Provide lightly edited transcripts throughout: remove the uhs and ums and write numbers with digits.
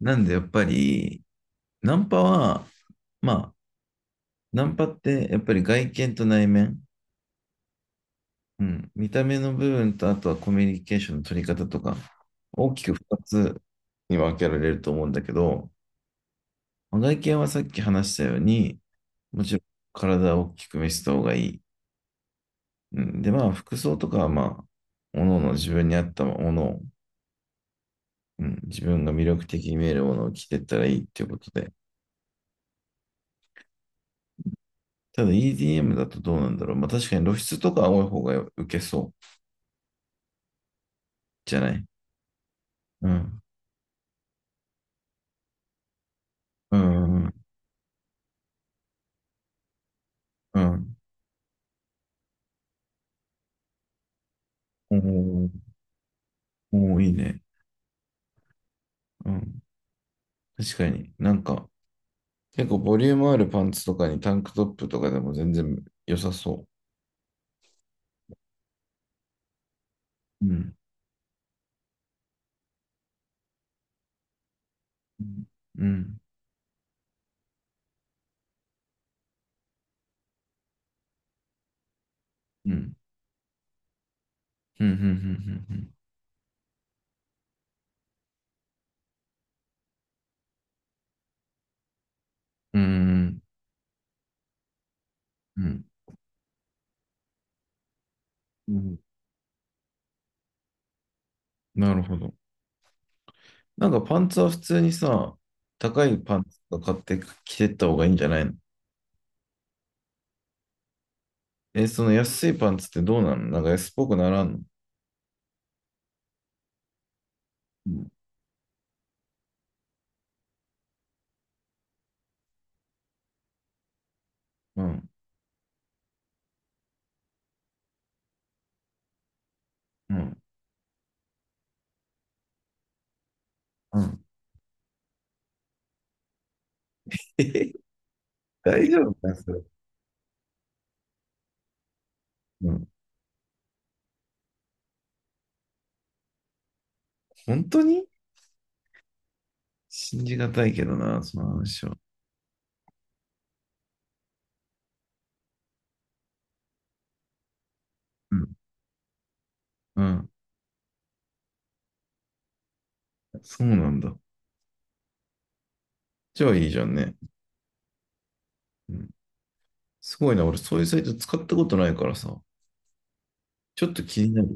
なんでやっぱり、ナンパは、まあ、ナンパってやっぱり外見と内面、うん、見た目の部分とあとはコミュニケーションの取り方とか、大きく2つに分けられると思うんだけど、まあ外見はさっき話したように、もちろん体を大きく見せた方がいい。うん、で、まあ、服装とかはまあ、おのおの自分に合ったものを、うん、自分が魅力的に見えるものを着ていったらいいっていうことで。ただ EDM だとどうなんだろう。まあ確かに露出とかは多い方が受けそうじゃない。うん。うん。うん。うん。おーおー、いいね。うん。確かに。なんか、結構ボリュームあるパンツとかにタンクトップとかでも全然良さそう。うん。うん。うん。うん。うん。うん。うん。うん。うん。なるほど。なんかパンツは普通にさ、高いパンツとか買って着てった方がいいんじゃないの？え、その安いパンツってどうなの？なんか安っぽくならんの？うん。うん。うん。うん。え。 大丈夫かそれ。うん。本当に信じがたいけどな、その話は。うん。うん。そうなんだ。じゃあいいじゃんね。うん。すごいな。俺、そういうサイト使ったことないからさ。ちょっと気になる。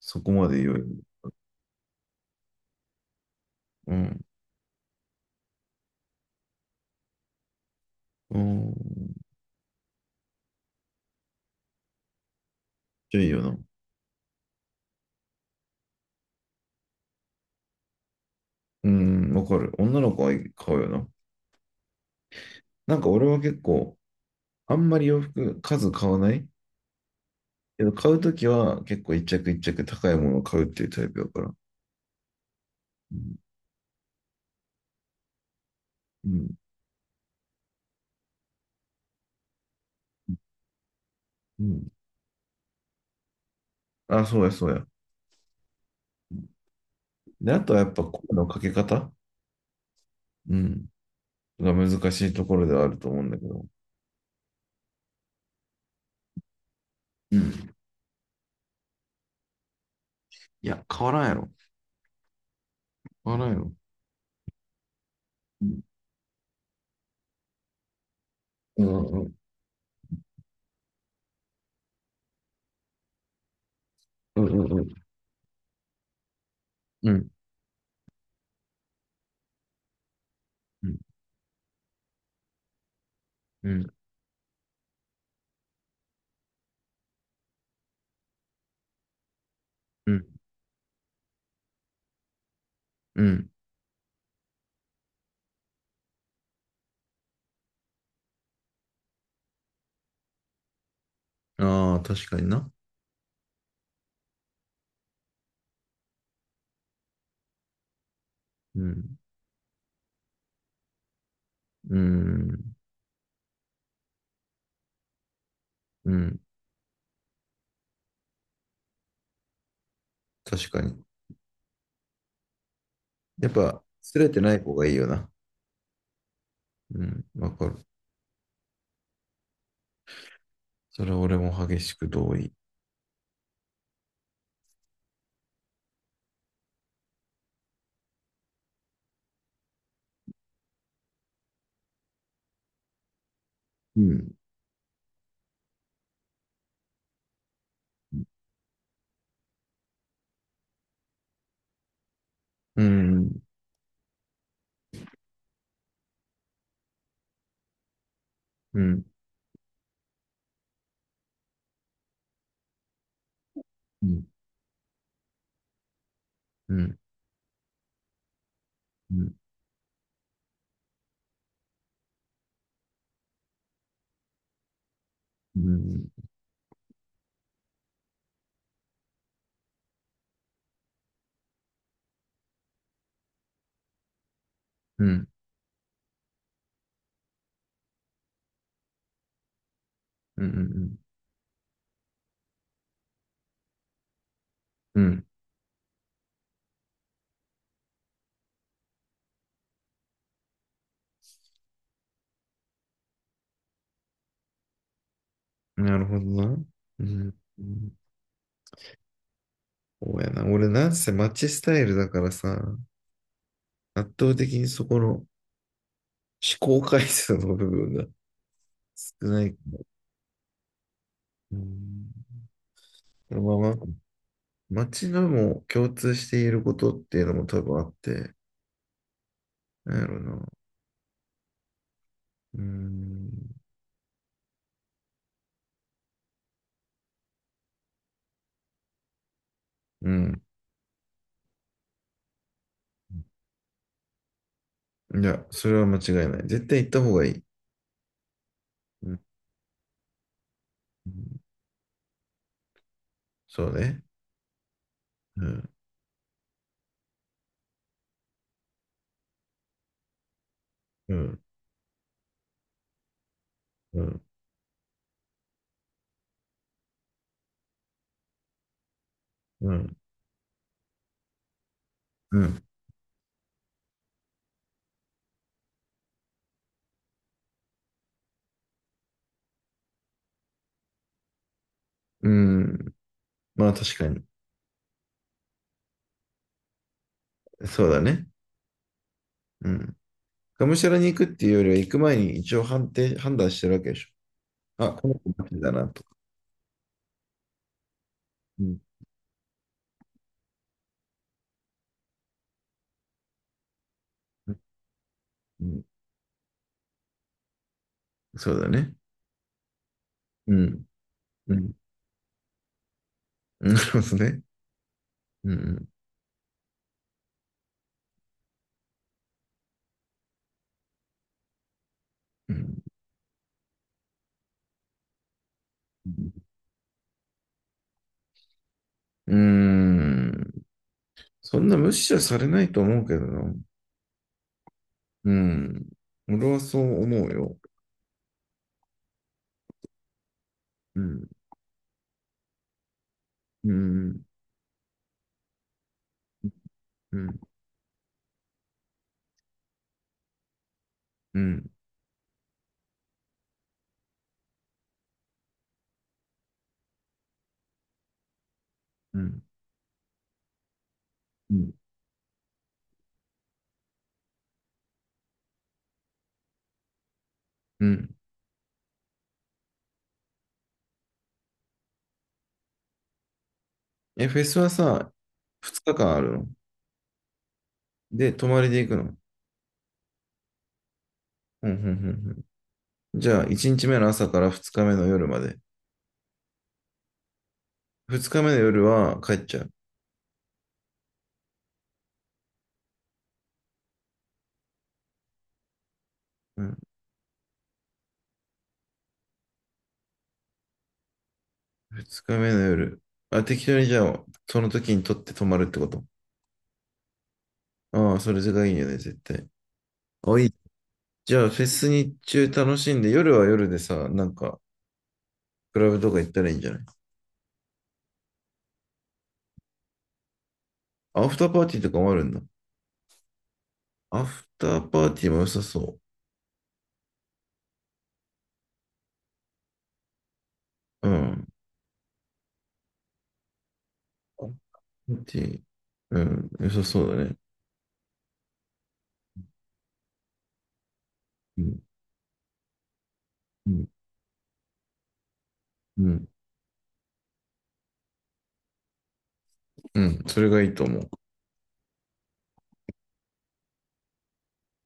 そこまで言うより。うん。うん。じゃあいいよな。うん。わかる。女の子は買うよな。なんか俺は結構、あんまり洋服数買わないけど、買うときは結構一着一着高いものを買うっていうタイプだから。うん。うん。うん。あ、そうや、そうや。で、あとはやっぱ声のかけ方。うん。が難しいところではあると思うんだけど。うん。いや、変わらんやろ。変わらんやろ。うん。うん。うん。うん。うん、うん、うん、うん、うん。ああ、確かにな。うん、うん、うん、確かに。やっぱ、すれてない方がいいよな。うん、わかる。それは俺も激しく同意。うん。うん、うん、うん、うん、うん、うん、うん、うん、うん、うん、なるほどな。うん、うん、そうやな。俺なんせマッチスタイルだからさ、圧倒的にそこの思考回数の部分が少ない。うん。まあまあ、街のも共通していることっていうのも多分あって、なんやろな。うーん。うん。いや、それは間違いない。絶対行った方がいい。うん。そうね。うん。うん。うん。うん。うん。うん。まあ確かに。そうだね。うん。がむしゃらに行くっていうよりは、行く前に一応判断してるわけでしょ。あ、この子マジだなと。うん。うん。うん。そうだね。うん。うん。なるほど ね。うん。うん。うん。うーん。そんな無視はされないと思うけどな。うん。俺はそう思うよ。うん。うん。うん。うん。うん。うん。うん。え、フェスはさ、2日間あるの？で、泊まりで行くの？うん。うん。うん。うん。じゃあ、1日目の朝から2日目の夜まで。二日目の夜は帰っちゃう？うん。二日目の夜。あ、適当にじゃあ、その時に取って泊まるってこと。ああ、それがいいよね、絶対。あ、いい。じゃあ、フェス日中楽しんで、夜は夜でさ、なんか、クラブとか行ったらいいんじゃない？アフターパーティーとかもあるんだ。アフターパーティーも良さそう。うん。アフターパーティー、うん、良さそうだね。うん、うん、うん、うん、それがいいと思う。